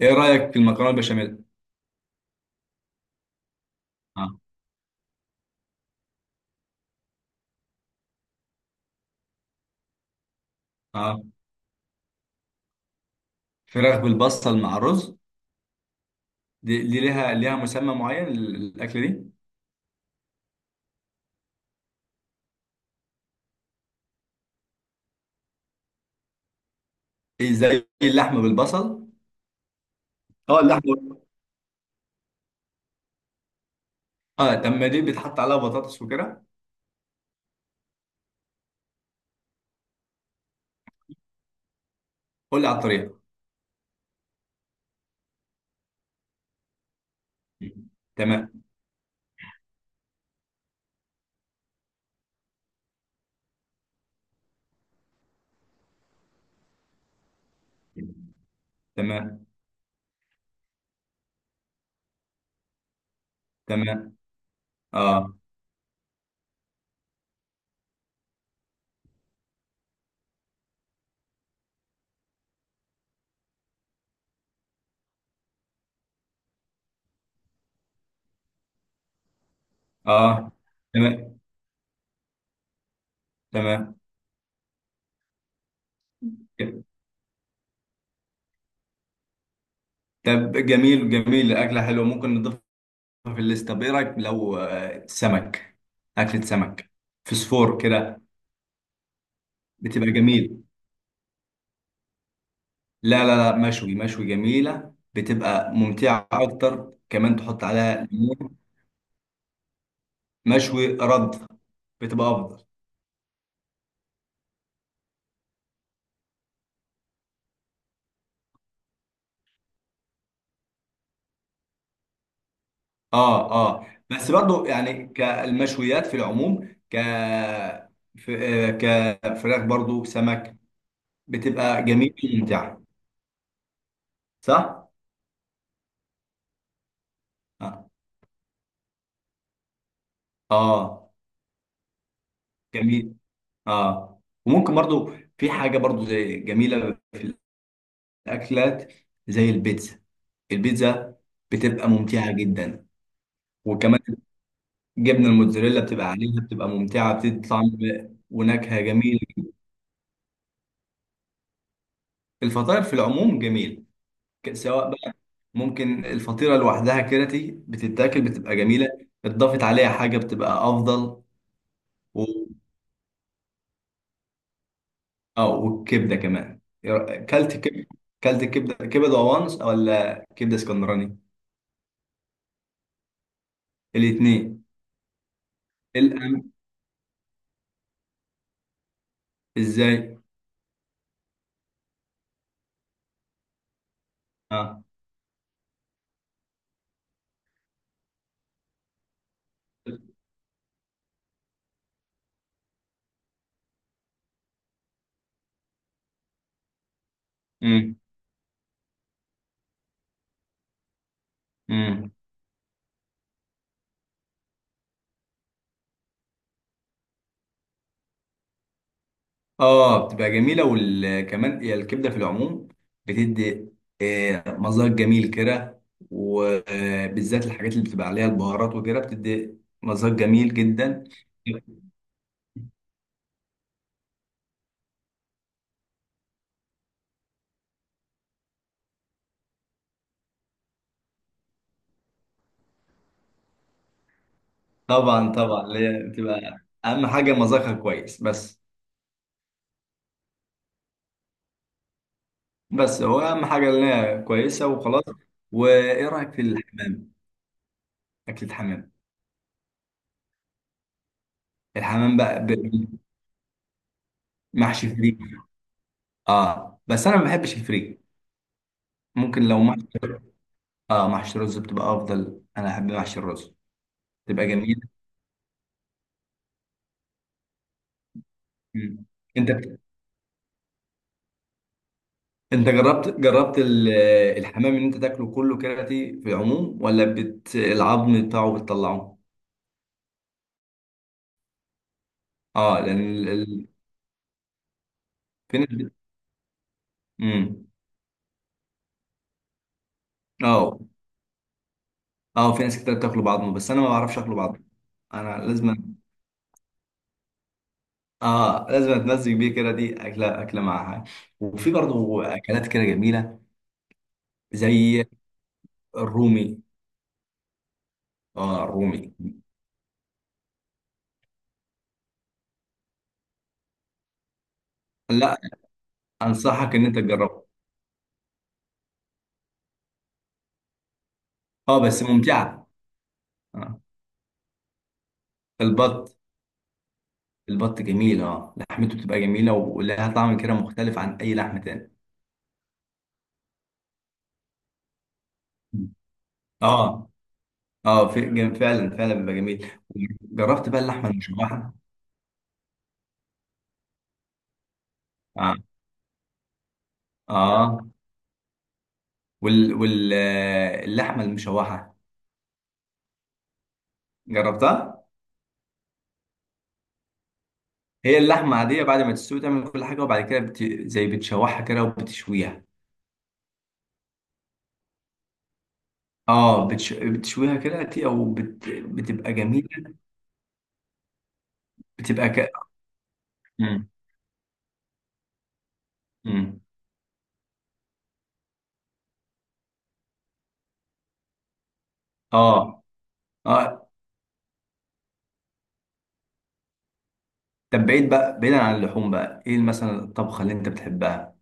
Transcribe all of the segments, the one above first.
ايه رايك في المكرونه البشاميل؟ اه. اه. فراخ بالبصل مع رز. دي ليها مسمى معين، الاكله دي. إيه، زي اللحمه بالبصل. اه، اللحمه. اه، لما دي بيتحط عليها بطاطس وكده. قول لي على الطريقه. تمام. تمام. تمام. اه. اه. تمام. تمام. طب جميل، جميل، اكله حلوه، ممكن نضيفها في الليست. طب ايه رايك لو سمك؟ اكله سمك. فسفور كده. بتبقى جميل. لا، لا، لا، مشوي، مشوي، جميلة بتبقى ممتعة أكتر، كمان تحط عليها ليمون. مشوي رد. بتبقى أفضل. آه. آه. بس برضو يعني كالمشويات في العموم، ك ف- آه، كفراخ برضو سمك. بتبقى جميلة وممتعة. صح؟ آه. آه. جميل. آه، وممكن برضو في حاجة برضو زي جميلة في الأكلات، زي البيتزا. البيتزا بتبقى ممتعة جدا. وكمان جبنه الموتزاريلا بتبقى عليها، بتبقى ممتعه، بتدي طعم ونكهه جميل. الفطاير في العموم جميل. سواء بقى، ممكن الفطيره لوحدها كرتي بتتاكل بتبقى جميله، اتضافت عليها حاجه بتبقى افضل. و... اه، والكبده كمان. كلت كبده وانس، ولا كبده اسكندراني؟ الاثنين؟ الام. ازاي؟ اه. امم. إمم. اه، بتبقى جميله، وكمان هي الكبده في العموم بتدي مذاق جميل كده. وبالذات الحاجات اللي بتبقى عليها البهارات وكده بتدي مذاق جميل جدا. طبعا، طبعا، اللي هي بتبقى اهم حاجه مذاقها كويس بس. بس هو اهم حاجه اللي هي كويسه وخلاص. وايه رايك في الحمام؟ اكل الحمام. الحمام بقى محشي فريك؟ اه، بس انا ما بحبش الفريك. ممكن لو محشي. اه، محشي رز بتبقى افضل، انا احب محشي الرز. تبقى جميله. مم. انت انت جربت الحمام، ان انت تاكله كله كراتي في العموم، ولا العظم بتاعه بتطلعه؟ اه، لان في ناس مم. اه. اه، في ناس كتير بتاكله بعظمه، بس انا ما بعرفش اكله بعظمه. انا لازم. اه، لازم اتمزج بيه كده، دي اكله، اكله معاها. وفي برضه اكلات كده جميله، زي الرومي. اه، الرومي. لا. انصحك ان انت تجربه. اه، بس ممتعه. آه. البط. البط جميل، اه، لحمته بتبقى جميلة، ولها طعم كده مختلف عن أي لحم تاني. اه. اه، في فعلا، فعلا بيبقى جميل. جربت بقى اللحمة المشوحة؟ اه. اه، وال وال آه، اللحمة المشوحة جربتها. هي اللحمة عادية، بعد ما تستوي تعمل كل حاجة، وبعد كده زي بتشوحها كده، وبتشويها. اه، بتشويها كده، بتبقى جميلة. بتبقى ك... مم. مم. اه. اه، طب بعيد بقى، بعيدا عن اللحوم بقى، ايه مثلا الطبخه اللي انت بتحبها؟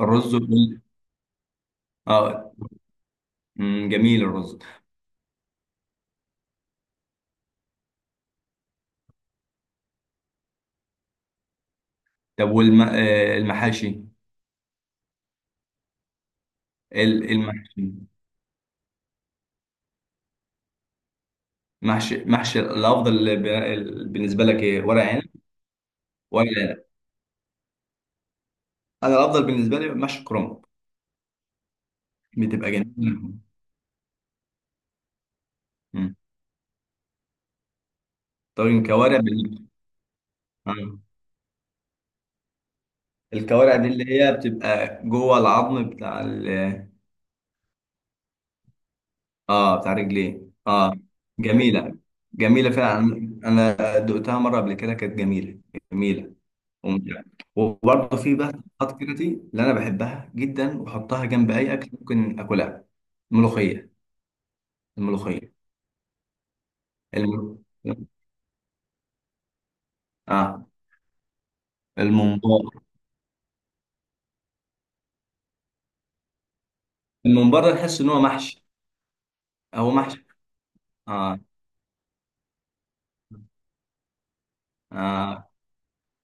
الرز وال... اه. جميل الرز. طب والم... آه، المحاشي. إيه إيه المحشي، محشي الافضل بالنسبه لك؟ ايه، ورق عنب؟ ورق عنب. انا الافضل بالنسبه لي محشي كرنب. بتبقى جميله. أمم. طب الكوارع بال... آه. الكوارع دي اللي هي بتبقى جوه العظم بتاع اه، بتاع رجليه. اه. جميله. جميله فعلا. انا دقتها مره قبل كده، كانت جميله، جميله وممتعه. وبرضه في بقى خطوات كده، دي اللي انا بحبها جدا، واحطها جنب اي اكل، ممكن اكلها. الملوخيه. الملوخيه. الم... اه، الممبار. الممبار ده تحس ان هو محشي. هو محشي. اه. اه،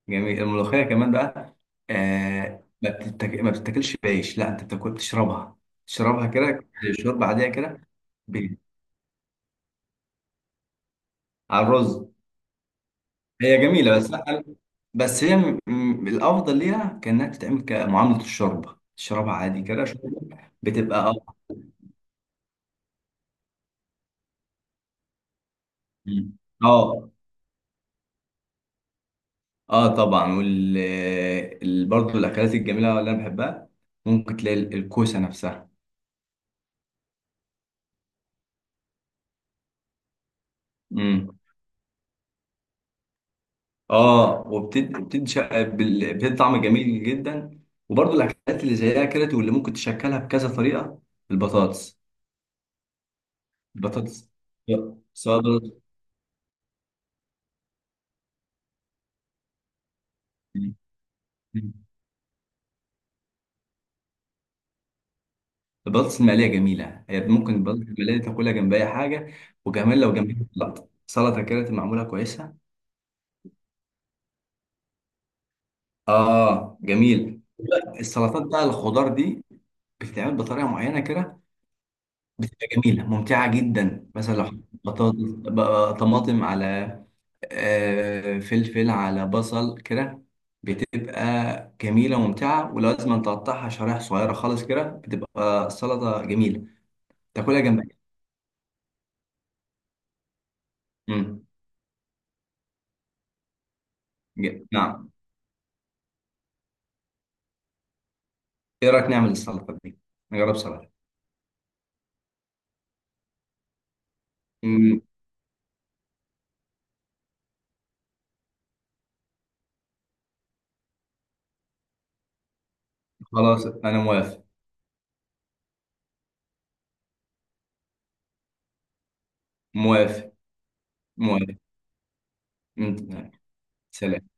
جميل. الملوخيه كمان بقى، ما بتتاكلش بعيش، لا انت بتاكل بتشربها. تشربها كده، شوربه عاديه كده. على الرز. هي جميله بس، لا بس هي الافضل ليها كانها تتعمل كمعامله الشوربه، تشربها عادي كده شوربه، بتبقى اه. مم. اه. اه، طبعا. برضه الاكلات الجميله اللي انا بحبها، ممكن تلاقي الكوسه نفسها. امم. اه، وبتدي بتدي طعم جميل جدا. وبرضه الاكلات اللي زيها كده، واللي ممكن تشكلها بكذا طريقه، البطاطس. البطاطس. سواء، سواء. بطاطس. البطاطس المقليه جميله، هي ممكن البطاطس المقليه دي تاكلها جنب اي حاجه. وكمان لو جنبها سلطه، سلطه كده تبقى معموله كويسه. اه، جميل. السلطات بقى الخضار دي بتتعمل بطريقه معينه كده، بتبقى جميله ممتعه جدا. مثلا لو حطيت بطاطس بقى، طماطم على فلفل، على بصل كده، بتبقى جميله وممتعه. ولو لازم تقطعها شرايح صغيره خالص كده بتبقى السلطه جميله، تاكلها جنب. مم. نعم. ايه رايك نعمل السلطه دي؟ نجرب سلطه. أمم. خلاص، انا موافق. موافق. موافق. أمم. سلام.